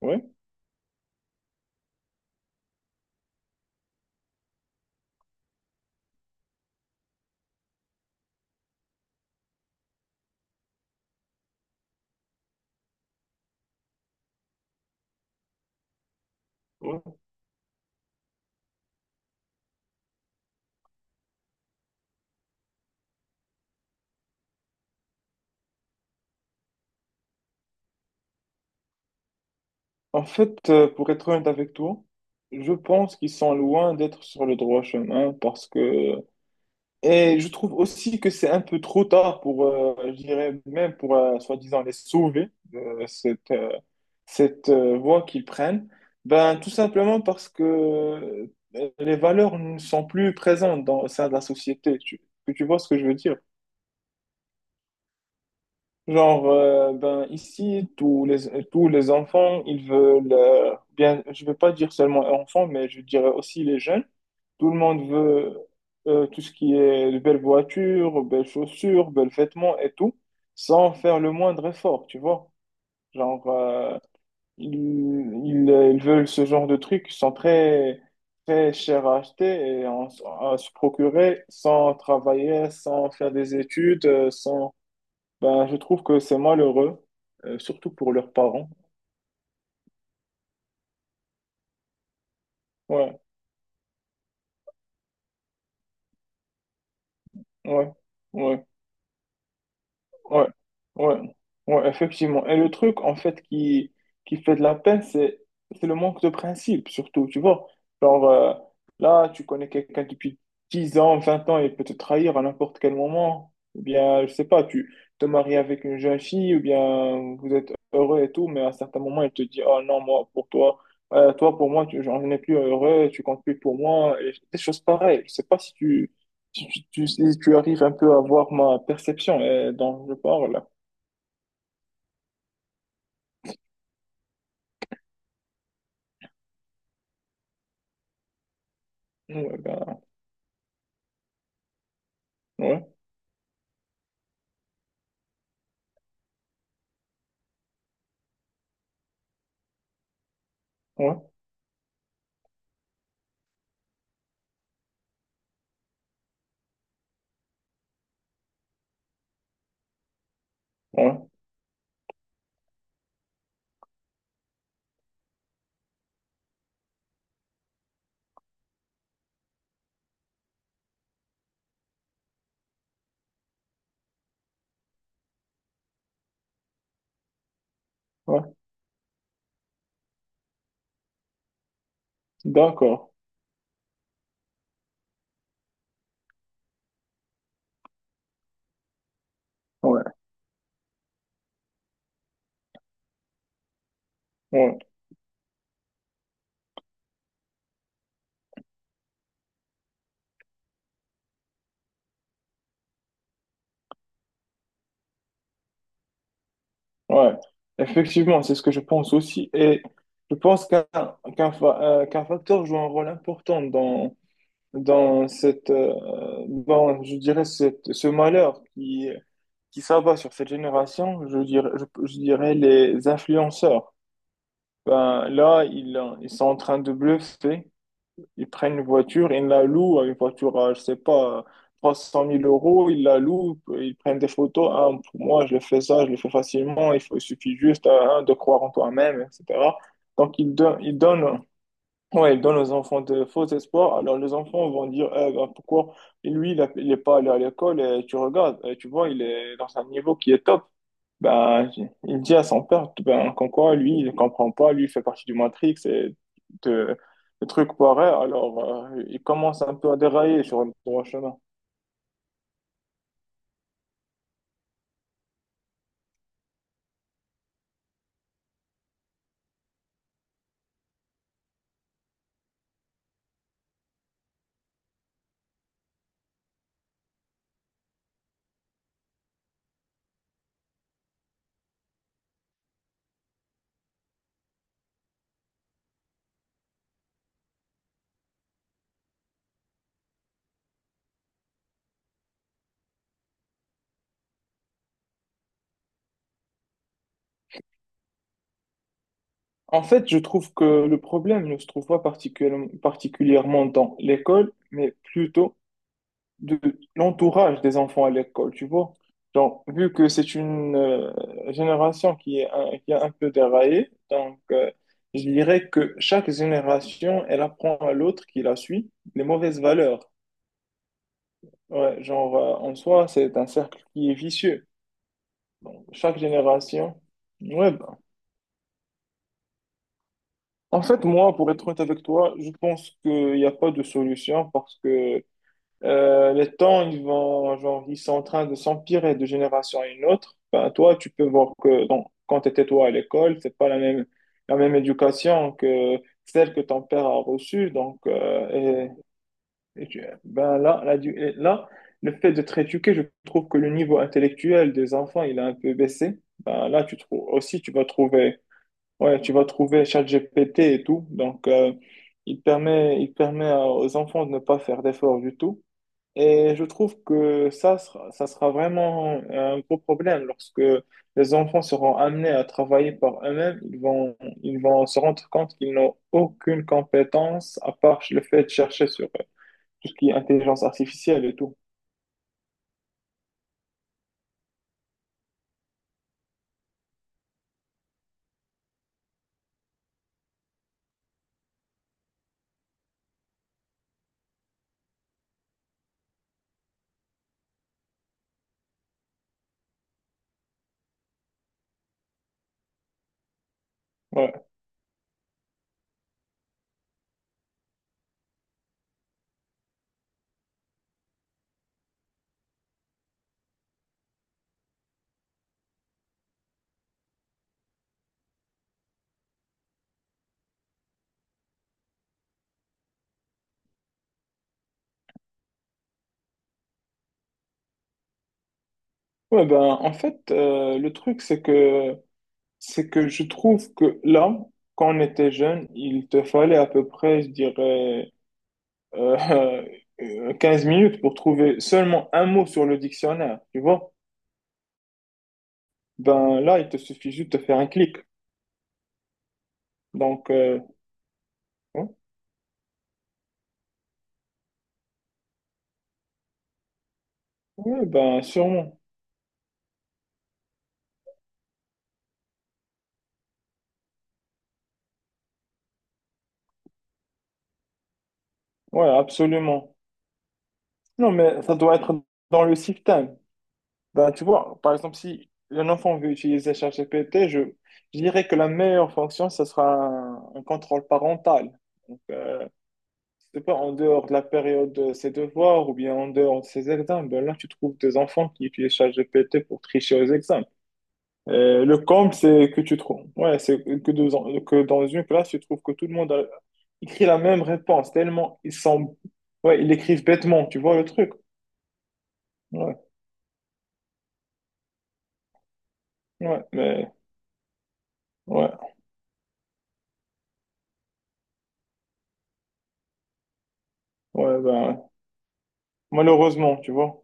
Ouais, ouais. En fait, pour être honnête avec toi, je pense qu'ils sont loin d'être sur le droit chemin parce que... Et je trouve aussi que c'est un peu trop tard pour, je dirais même pour, soi-disant, les sauver de cette voie qu'ils prennent. Ben, tout simplement parce que les valeurs ne sont plus présentes au sein de la société. Que tu vois ce que je veux dire? Genre, ben, ici, tous les enfants, ils veulent, bien, je veux pas dire seulement enfants, mais je dirais aussi les jeunes. Tout le monde veut tout ce qui est de belles voitures, belles chaussures, belles vêtements et tout, sans faire le moindre effort, tu vois. Genre, ils, ils veulent ce genre de trucs qui sont très, très chers à acheter à se procurer sans travailler, sans faire des études, sans, ben, je trouve que c'est malheureux, surtout pour leurs parents. Ouais, ouais, ouais. Ouais, ouais, ouais, effectivement. Et le truc, en fait, qui fait de la peine, c'est le manque de principe, surtout, tu vois. Genre, là, tu connais quelqu'un depuis 10 ans, 20 ans, il peut te trahir à n'importe quel moment. Ou bien, je sais pas, tu te maries avec une jeune fille, ou bien vous êtes heureux et tout, mais à un certain moment, il te dit, oh non, moi, pour toi, toi, pour moi, j'en ai plus heureux, tu comptes plus pour moi, et des choses pareilles. Je sais pas si tu arrives un peu à voir ma perception et dont je parle, ouais, ben, ouais, ouais, ouais, ouais. D'accord, ouais, ouais, ouais. Effectivement, c'est ce que je pense aussi. Et je pense qu'un facteur joue un rôle important dans, dans cette, dans, je dirais, cette, ce malheur qui s'abat sur cette génération, je dirais, je dirais les influenceurs. Ben, là, ils sont en train de bluffer. Ils prennent une voiture, ils la louent, une voiture à, je sais pas, 300 000 euros, ils la louent, ils prennent des photos. Ah, pour moi, je le fais ça, je le fais facilement, il faut, il suffit juste ah, hein, de croire en toi-même, etc. Donc, ils donnent, ouais, ils donnent aux enfants de faux espoirs. Alors, les enfants vont dire, eh, ben, pourquoi lui, il n'est pas allé à l'école et tu regardes, et tu vois, il est dans un niveau qui est top. Ben, il dit à son père, ben, qu'en quoi, lui, il comprend pas, lui, il fait partie du Matrix et de, de trucs pareils, alors il commence un peu à dérailler sur le droit chemin. En fait, je trouve que le problème ne se trouve pas particulièrement particulièrement dans l'école, mais plutôt de l'entourage des enfants à l'école, tu vois. Donc, vu que c'est une génération qui est un peu déraillée, donc je dirais que chaque génération, elle apprend à l'autre qui la suit les mauvaises valeurs. Ouais, genre, en soi, c'est un cercle qui est vicieux. Donc, chaque génération. Ouais, ben. En fait, moi, pour être honnête avec toi, je pense qu'il n'y a pas de solution parce que les temps, genre, ils sont en train de s'empirer de génération à une autre. Ben, toi, tu peux voir que donc, quand tu étais toi à l'école, c'est pas la même éducation que celle que ton père a reçue. Donc, et ben, là, et là, le fait de te rééduquer, je trouve que le niveau intellectuel des enfants, il a un peu baissé. Ben, là, tu trouves aussi, ouais, tu vas trouver ChatGPT et tout. Donc, il permet aux enfants de ne pas faire d'efforts du tout. Et je trouve que ça sera vraiment un gros problème lorsque les enfants seront amenés à travailler par eux-mêmes. Ils vont se rendre compte qu'ils n'ont aucune compétence à part le fait de chercher sur tout ce qui est intelligence artificielle et tout. Ouais. Ouais, ben, en fait, le truc, c'est que je trouve que là, quand on était jeune, il te fallait à peu près, je dirais, euh, 15 minutes pour trouver seulement un mot sur le dictionnaire, tu vois? Ben là, il te suffit juste de faire un clic. Donc, oui, ben sûrement. Ouais, absolument. Non, mais ça doit être dans le système. Ben, tu vois, par exemple, si un enfant veut utiliser ChatGPT, je dirais que la meilleure fonction, ce sera un contrôle parental. Donc, je pas, en dehors de la période de ses devoirs ou bien en dehors de ses examens, ben là, tu trouves des enfants qui utilisent ChatGPT pour tricher aux examens. Le comble, c'est que tu trouves. Ouais, c'est que dans une classe, tu trouves que tout le monde écrit la même réponse, tellement ils sont. Ouais, ils l'écrivent bêtement, tu vois le truc. Ouais, ouais, mais. Ouais, ouais, ben, malheureusement, tu vois.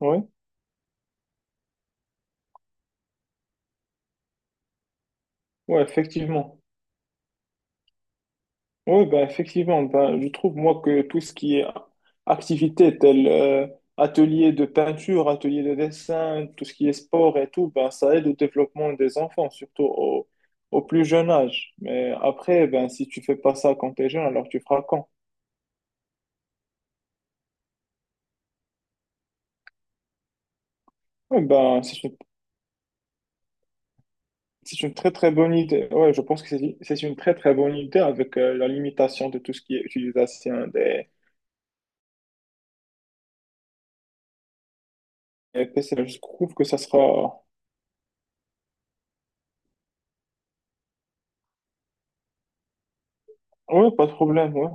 Ouais, ouais, effectivement. Oui, ben effectivement, ben, je trouve moi que tout ce qui est activité telle atelier de peinture, atelier de dessin, tout ce qui est sport et tout, ben, ça aide au développement des enfants, surtout au plus jeune âge. Mais après, ben, si tu fais pas ça quand tu es jeune, alors tu feras quand? Oui, ben, c'est une très très bonne idée. Ouais, je pense que c'est une très très bonne idée avec la limitation de tout ce qui est utilisation des PC. Je trouve que ça sera... Oui, pas de problème, ouais.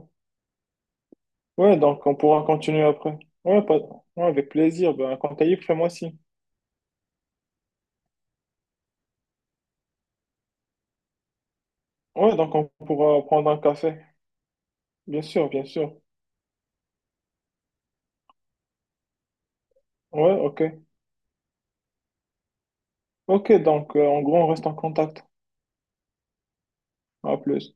Ouais, donc on pourra continuer après. Ouais, pas... Ouais, avec plaisir. Ben, quand t'as libre, fais-moi signe. Ouais, donc on pourra prendre un café. Bien sûr, bien sûr. Ouais, ok. Ok, donc en gros, on reste en contact. À plus.